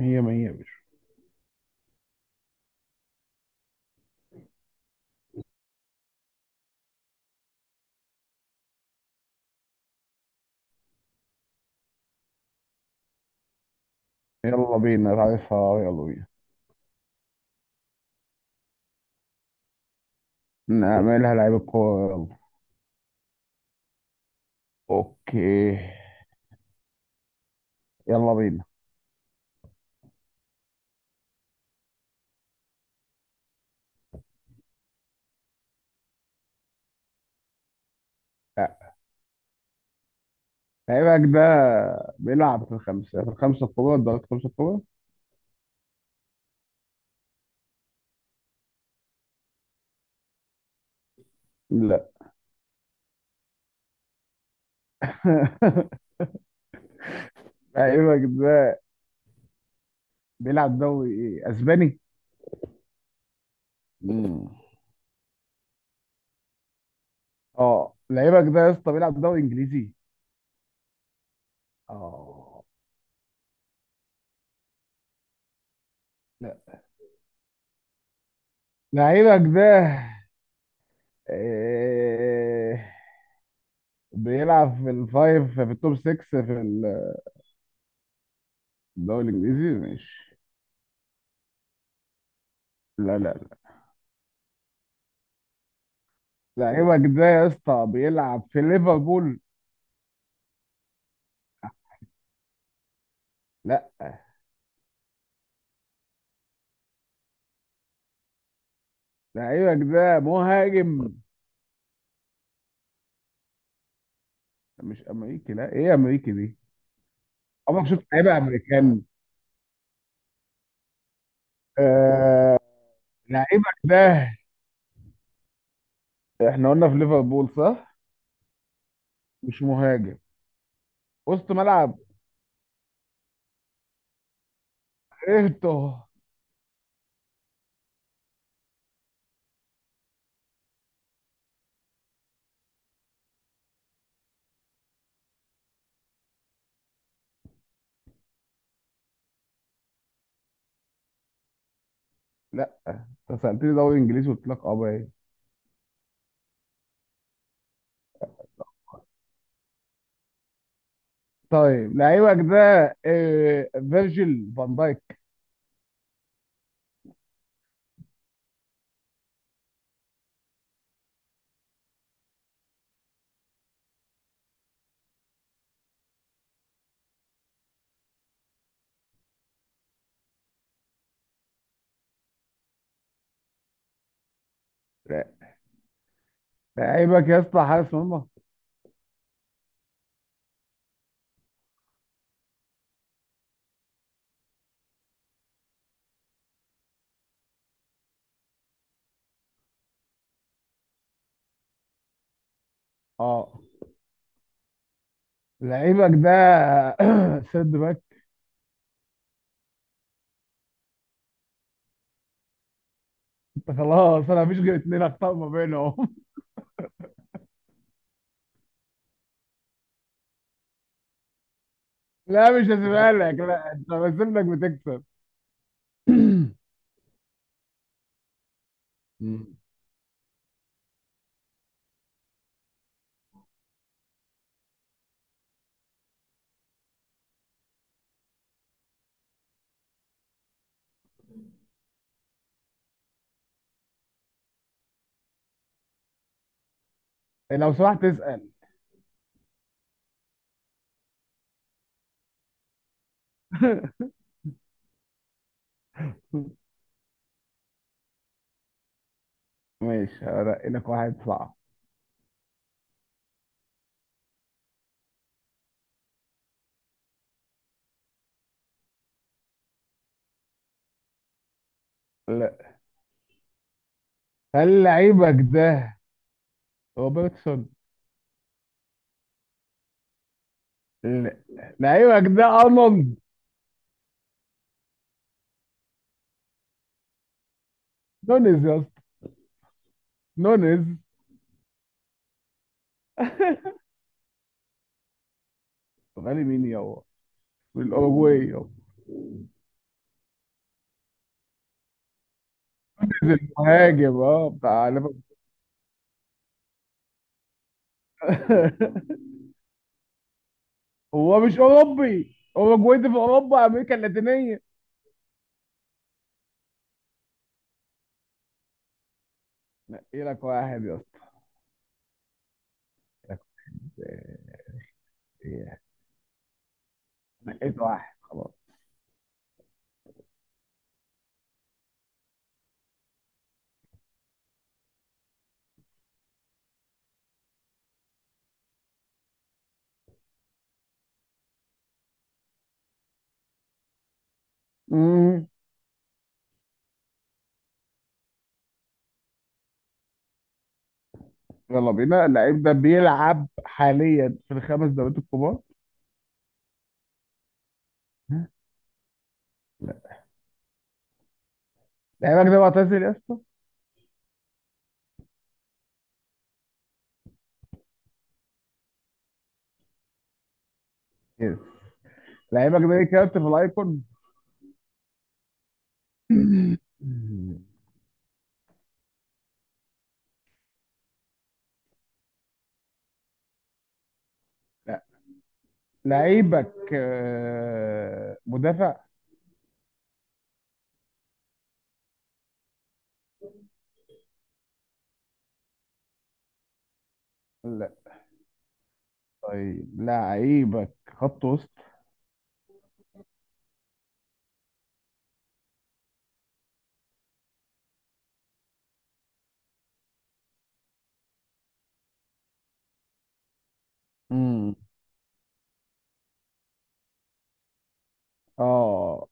هي ما هي يا باشا. يلا بينا، عارفها، يلا بينا. نعملها لعيب الكورة، يلا. اوكي. يلا بينا. لا، لعيبك ده بيلعب في الخمسة الكبار، درجة الخمسة الكبار؟ لا. لعيبك ده بيلعب دوري، ايه، اسباني؟ مم. اه، لعيبك ده يا اسطى بيلعب دوري انجليزي. اه. لا. لعيبك ده إيه... بيلعب في التوب 6 في الدوري الانجليزي، ماشي. لا، لا. لعيبك ده يا اسطى بيلعب في ليفربول. لا. لعيبك ده مهاجم؟ مش امريكي، لا، ايه امريكي دي؟ عمرك شفت لعيبه امريكان؟ آه. لعيبك ده، احنا قلنا في ليفربول صح؟ مش مهاجم، وسط ملعب؟ ايرتو. لا. انت سالتني دوري انجليزي، قلت لك اه، ايه؟ طيب لعيبك ده فيرجيل فان دايك؟ لا. لعيبك يا اسطى حارس مرمى؟ اه. لعيبك ده سيرد باك؟ خلاص، انا مفيش غير اتنين اخطاء ما بينهم. لا، مش هسيبها لك. لا، انت بسيب لك بتكسب. مم. لو سمحت تسأل. ماشي، هرقي لك واحد صعب. لا. هل لعيبك ده روبرتسون؟ لا. لعيبك ده ارنولد؟ نونيز يا اسطى. نونيز. غالي مين يابا؟ من الاوروجواي يابا. نونيز المهاجم، اه، بتاع ليفربول. هو مش اوروبي، اوروجواي دي في اوروبا؟ امريكا اللاتينيه. نقي لك واحد يا... إيه، نقيت واحد خلاص. مم. يلا بينا، اللعيب ده بيلعب حاليا في الخمس دوريات الكبار؟ لا. لعيبك ده معتزل يا اسطى؟ يس. لعيبك ده كابتن في الايكون؟ مم. لا. لعيبك مدافع؟ لا. طيب لعيبك خط وسط؟ امم، اه.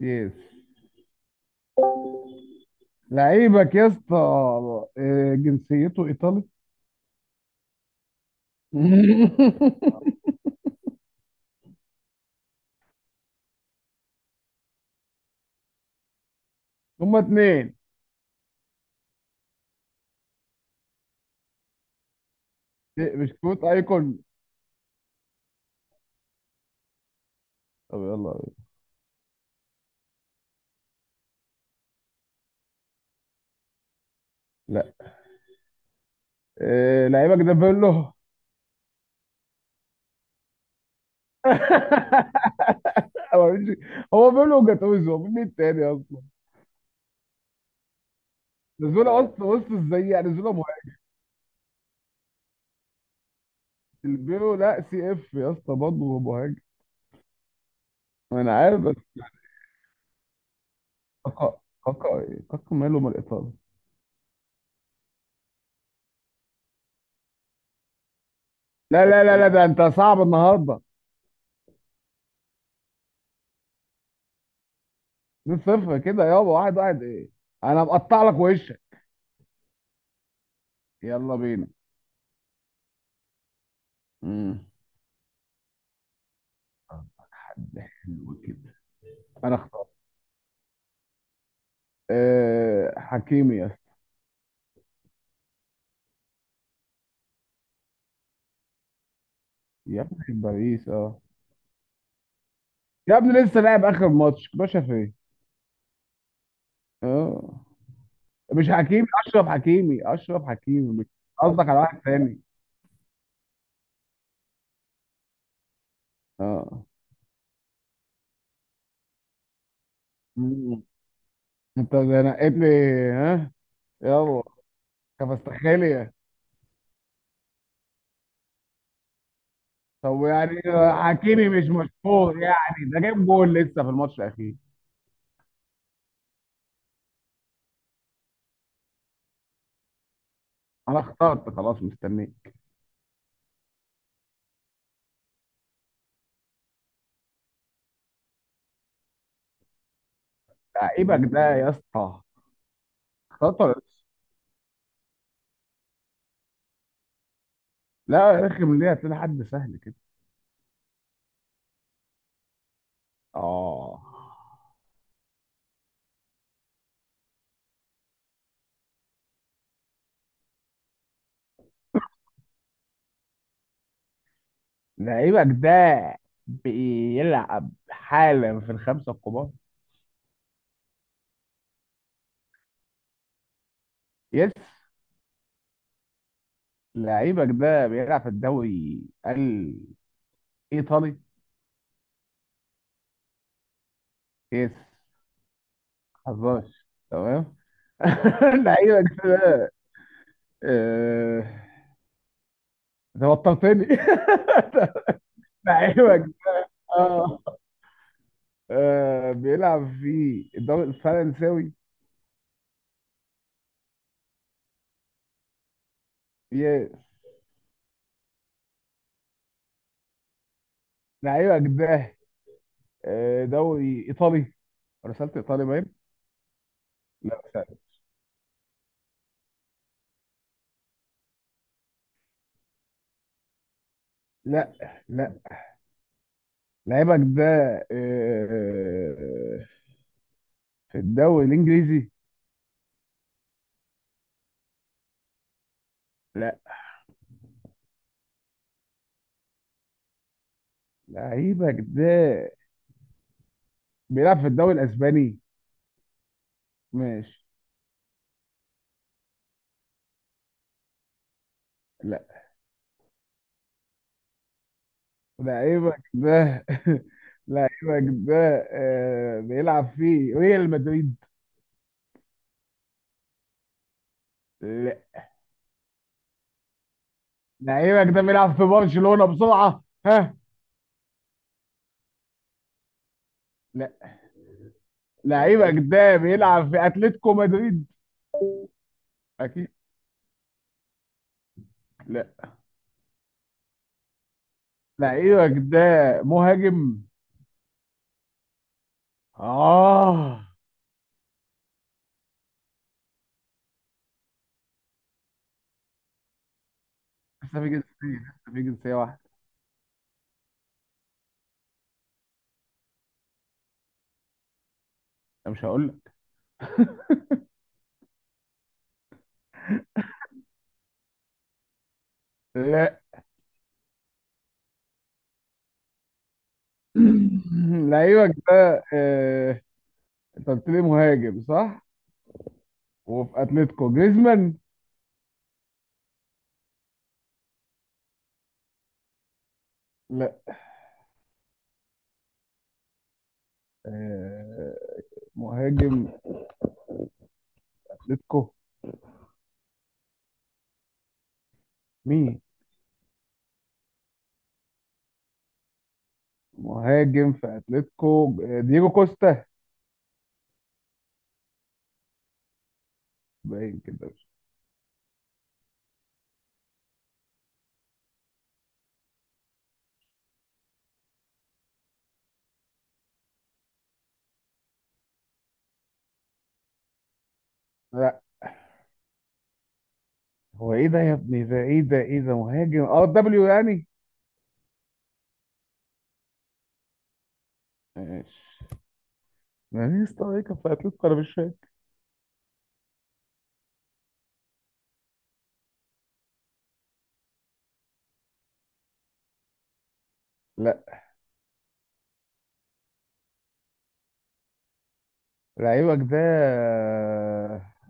يس. لعيبك يا اسطى جنسيته ايطالي. هما اتنين. إيه، بسكوت ايكون. طب يلا. إيه، لعيبك ده بيرلو؟ هو مش- هو بيرلو وجاتوزو، هو مين التاني اصلا؟ نزوله، آه. اصلا بص ازاي يعني نزوله مهاجم؟ البيرلو لا سي اف يا اسطى برضه هو مهاجم. انا عارف بس. كاكا. كاكا إيه؟ كاكا ماله من الايطالي؟ لا، لا، لا، لا، ده انت صعب النهارده. 2 صفر كده يابا، واحد واحد ايه؟ انا مقطع لك وشك. يلا بينا. امم. حد حلو كده. انا اختار. أه، حكيمي يا اسطى. يا ابني في باريس، اه. يا ابني لسه لاعب اخر ماتش، باشا، فين؟ اه. مش حكيمي، اشرف حكيمي، اشرف حكيمي مش... قصدك على واحد تاني؟ اه. مم. انت ده نقيت لي؟ ها؟ يلا. كفاستخيليا. طب يعني حكيمي مش مشهور؟ يعني ده جايب جول لسه في الماتش الاخير. انا اخترت خلاص، مستنيك. لعيبك ده يا اسطى. اخترت ولا لسه؟ لا، رخم ليه؟ هتلاقي حد سهل كده. اه. لعيبك ده بيلعب حالا في الخمسه الكبار؟ يس. لعيبك ده بيلعب في الدوري الإيطالي؟ يس. حظاش. تمام. لعيبك ده. آه، توترتني. لعيبك اه بيلعب في الدوري الفرنساوي؟ يس. لعيبك ده دوري إيطالي، رسالة إيطالي باين. لا، مش عارف. لا. لا. لعيبك ده آه، في الدوري الإنجليزي؟ لا. لعيبك ده بيلعب في الدوري الاسباني؟ ماشي. لا. لعيبك ده. لعيبك ده بيلعب في ريال مدريد؟ لا. لعيبك ده بيلعب في برشلونة، بسرعة، ها؟ لا. لعيبك ده بيلعب في اتلتيكو مدريد؟ اكيد. لا. لعيبك ده مهاجم؟ اه. لسه في جنسية واحدة. أنا مش هقول لك. لا. لعيبك ده انت قلت لي مهاجم، صح؟ وفي اتلتيكو جريزمان؟ لا. آه، مهاجم اتلتيكو مين؟ مهاجم في اتلتيكو دييجو كوستا؟ باين كده. لا. هو ايه ده يا ابني، ده ايه، ده ايه، ده مهاجم، اه دبليو يعني؟ ماشي. ما مين سترايكر في اتلتيكو، انا مش فاهم. لا. لعيبك ده،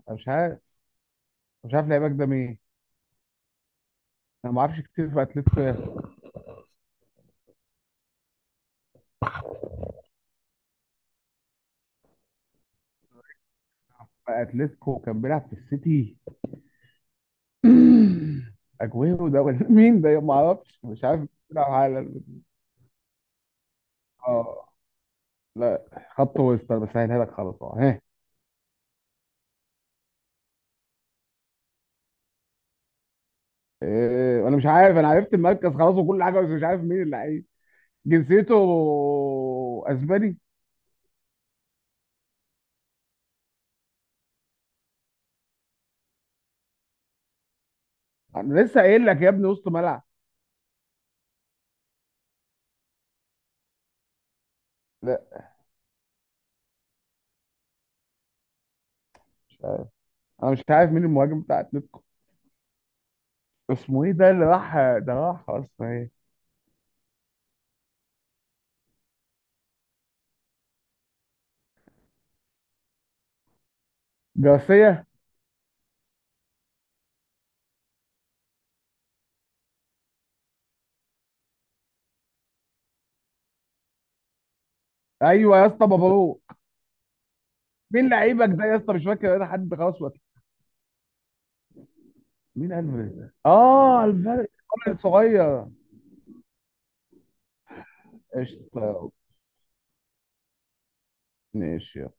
أنا مش عارف. مش عارف لعيبك ده مين. انا ما اعرفش كتير في اتلتيكو يا أخي. في اتلتيكو كان بيلعب في السيتي؟ اجويرو ده، ولا مين ده؟ ما اعرفش، مش عارف بيلعب على... اه. لا. خط وسط، بسهلها لك خلاص، اهو ها. إيه، انا مش عارف، انا عرفت المركز خلاص وكل حاجه بس مش عارف مين اللعيب. جنسيته اسباني؟ انا لسه قايل لك يا ابني، وسط ملعب. لا. انا مش عارف مين المهاجم بتاع اتلتيكو. اسمه ايه ده؟ اللي راح ده، راح اصلا ايه؟ جارسيا؟ ايوه يا اسطى بابالو. مين لعيبك ده يا اسطى؟ مش فاكر انا حد، خلاص وقت. مين الفاريز ده؟ اه، الفاريز الصغير. قشطه. ماشي.